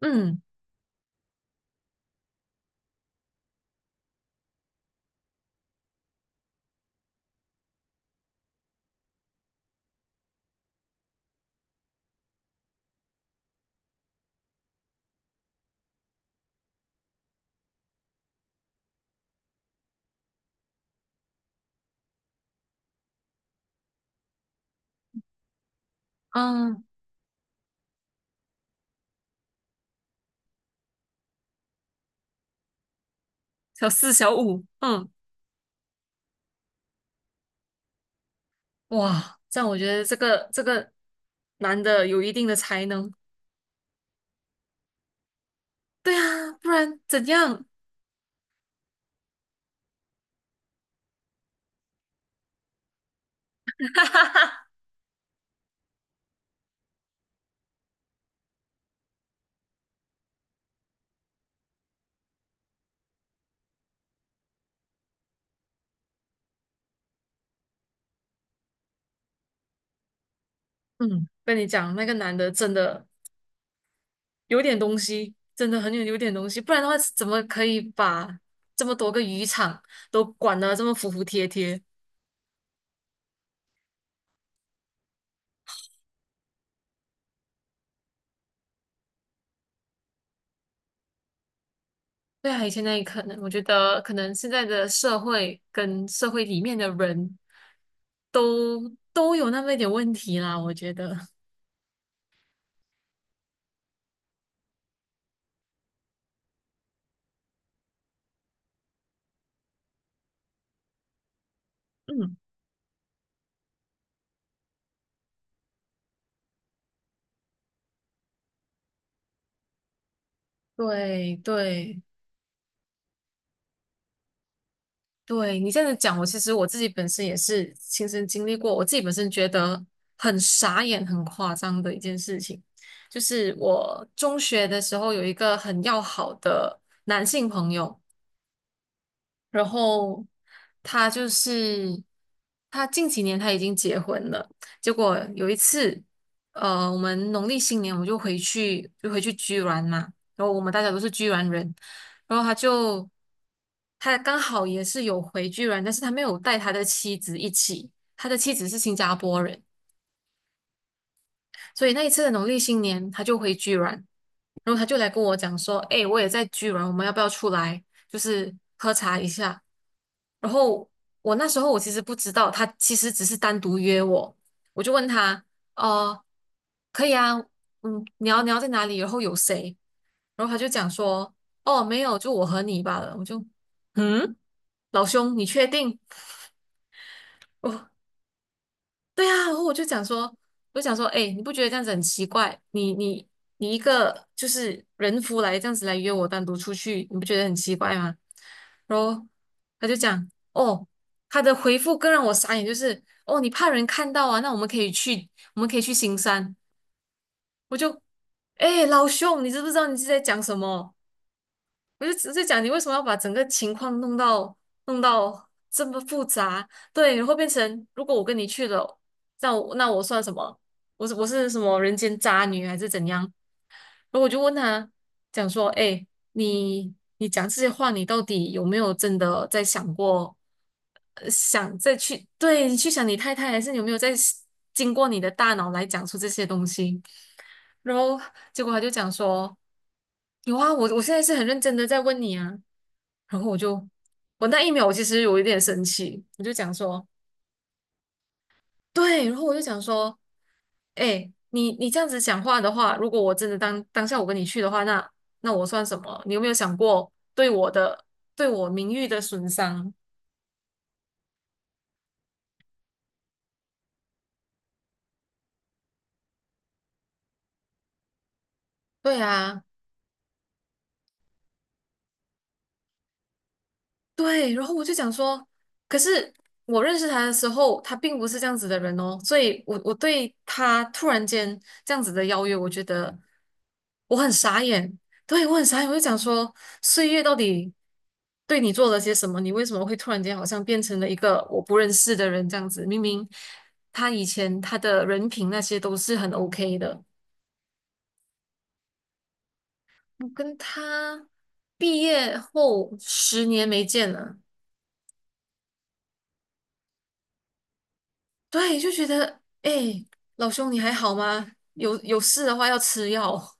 嗯嗯，小四小五，哇，这样我觉得这个男的有一定的才能。对啊，不然怎样？嗯，跟你讲，那个男的真的有点东西，真的很有点东西，不然的话怎么可以把这么多个渔场都管得这么服服帖帖？对啊，以前那里可能我觉得可能现在的社会跟社会里面的人都有那么一点问题啦，我觉得。嗯。对对对，你这样子讲，我其实我自己本身也是亲身经历过，我自己本身觉得很傻眼、很夸张的一件事情，就是我中学的时候有一个很要好的男性朋友。然后他就是他近几年他已经结婚了。结果有一次，我们农历新年我们就回去居銮嘛。然后我们大家都是居銮人。然后他刚好也是有回居銮，但是他没有带他的妻子一起，他的妻子是新加坡人。所以那一次的农历新年他就回居銮。然后他就来跟我讲说，哎，我也在居然，我们要不要出来，就是喝茶一下？然后我那时候我其实不知道，他其实只是单独约我。我就问他，哦，可以啊，嗯，你要在哪里？然后有谁？然后他就讲说，哦，没有，就我和你罢了。我就，嗯，老兄，你确定？我对啊。然后我就讲说，我就讲说，哎，你不觉得这样子很奇怪？你一个就是人夫来这样子来约我单独出去，你不觉得很奇怪吗？然后他就讲，哦，他的回复更让我傻眼，就是哦，你怕人看到啊？那我们可以去，我们可以去行山。我就，哎，老兄，你知不知道你是在讲什么？我就只是讲你为什么要把整个情况弄到弄到这么复杂？对。然后变成如果我跟你去了，那我算什么？我是我是什么人间渣女还是怎样？然后我就问他，讲说，哎，你你讲这些话，你到底有没有真的在想过，想再去，对，你去想你太太，还是你有没有在经过你的大脑来讲出这些东西？然后结果他就讲说，有啊，我现在是很认真的在问你啊。然后我就，我那一秒我其实有一点生气，我就讲说，对。然后我就讲说，哎，你这样子讲话的话，如果我真的当下我跟你去的话，那我算什么？你有没有想过对我的对我名誉的损伤？对啊。对。然后我就讲说，可是我认识他的时候，他并不是这样子的人哦。所以我对他突然间这样子的邀约，我觉得我很傻眼。对，我很傻眼。我就讲说，岁月到底对你做了些什么？你为什么会突然间好像变成了一个我不认识的人这样子？明明他以前他的人品那些都是很 OK 的。我跟他毕业后10年没见了。对，就觉得，哎，老兄你还好吗？有事的话要吃药。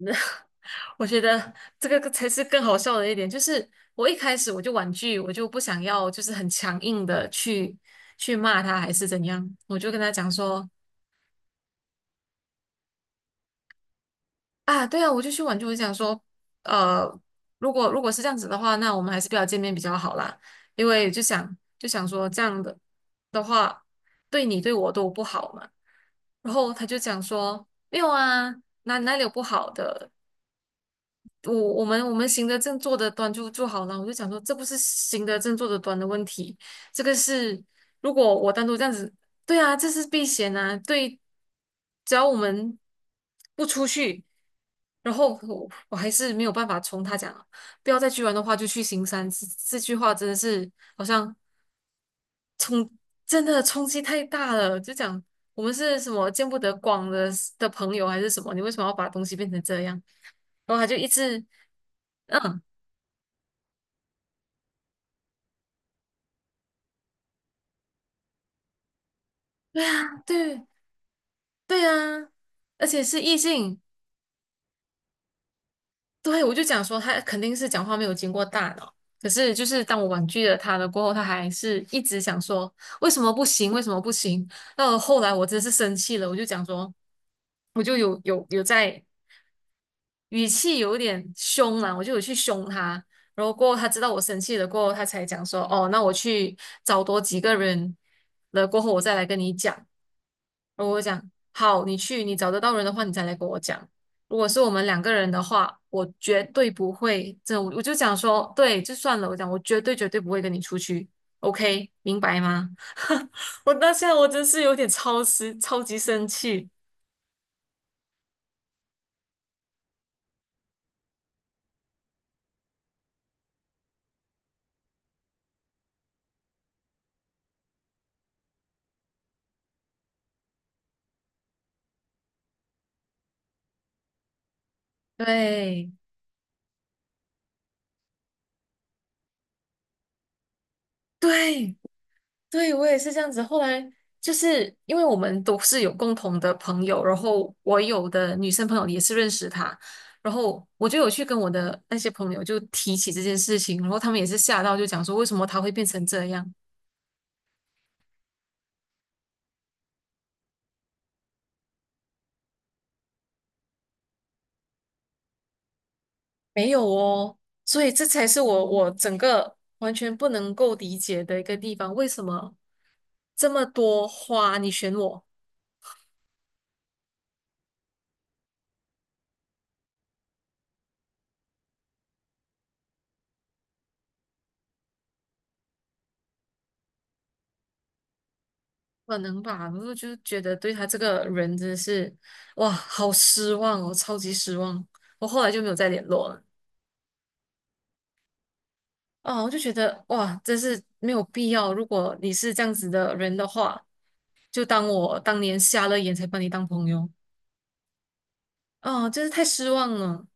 我觉得这个才是更好笑的一点，就是我一开始我就婉拒，我就不想要，就是很强硬的去骂他还是怎样，我就跟他讲说啊。对啊，我就去婉拒，我就想说，呃，如果是这样子的话，那我们还是不要见面比较好啦，因为就想说这样的话，对你对我都不好嘛。然后他就讲说，没有啊，哪里有不好的？我们行得正坐得端就好了。我就讲说，这不是行得正坐得端的问题，这个是如果我单独这样子，对啊，这是避嫌啊，对，只要我们不出去，然后我还是没有办法从他讲啊，不要再去玩的话就去行山，这句话真的是好像冲真的冲击太大了，就讲我们是什么见不得光的朋友还是什么？你为什么要把东西变成这样？然后他就一直嗯，对对啊，而且是异性。对我就讲说他肯定是讲话没有经过大脑。可是就是当我婉拒了他了过后，他还是一直想说为什么不行，为什么不行？到了后来我真是生气了，我就讲说，我就有在。语气有点凶啦，我就有去凶他。然后过后他知道我生气了，过后他才讲说，哦，那我去找多几个人了，过后我再来跟你讲。然后我讲，好，你去，你找得到人的话，你再来跟我讲。如果是我们两个人的话，我绝对不会，这我就讲说，对，就算了，我讲我绝对绝对不会跟你出去，OK，明白吗？我当下我真是有点超时，超级生气，对对。对，我也是这样子。后来就是因为我们都是有共同的朋友，然后我有的女生朋友也是认识他，然后我就有去跟我的那些朋友就提起这件事情，然后他们也是吓到，就讲说为什么他会变成这样？没有哦。所以这才是我整个完全不能够理解的一个地方，为什么这么多花你选我？可能吧。然后就觉得对他这个人真的是，哇，好失望哦，超级失望。我后来就没有再联络了。啊，我就觉得哇，真是没有必要。如果你是这样子的人的话，就当我当年瞎了眼才把你当朋友。哦，真是太失望了。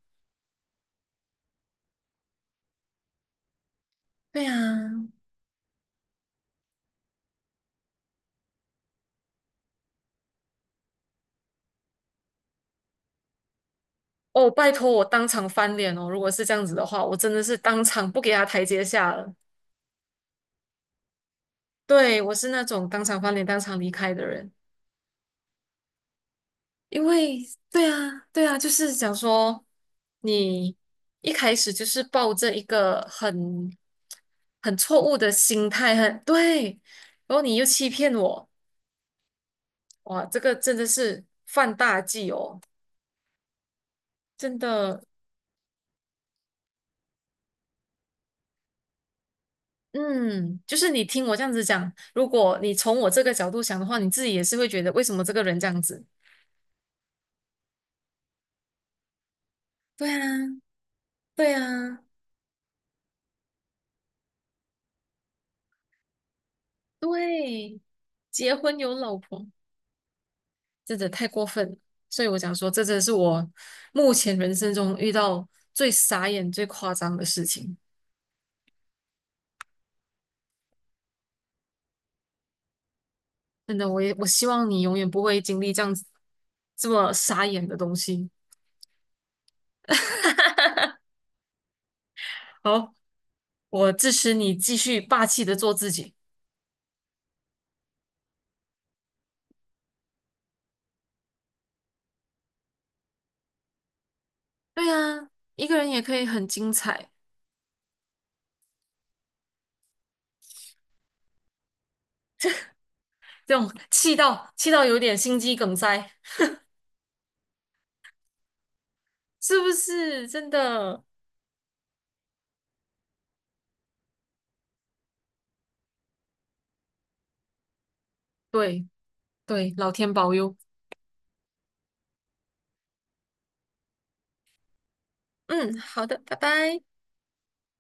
对呀、哦，拜托我当场翻脸哦。如果是这样子的话，我真的是当场不给他台阶下了。对，我是那种当场翻脸、当场离开的人。因为对啊，对啊，就是想说，你一开始就是抱着一个很错误的心态，很对，然后你又欺骗我，哇，这个真的是犯大忌哦。真的，嗯，就是你听我这样子讲，如果你从我这个角度想的话，你自己也是会觉得为什么这个人这样子？对啊，对啊，对，结婚有老婆。真的太过分了。所以我想说，这真的是我目前人生中遇到最傻眼、最夸张的事情。真的，我也我希望你永远不会经历这样子这么傻眼的东西。好，我支持你继续霸气的做自己。对啊，一个人也可以很精彩。这种气到气到有点心肌梗塞，是不是？真的，对对，老天保佑。嗯，好的，拜拜。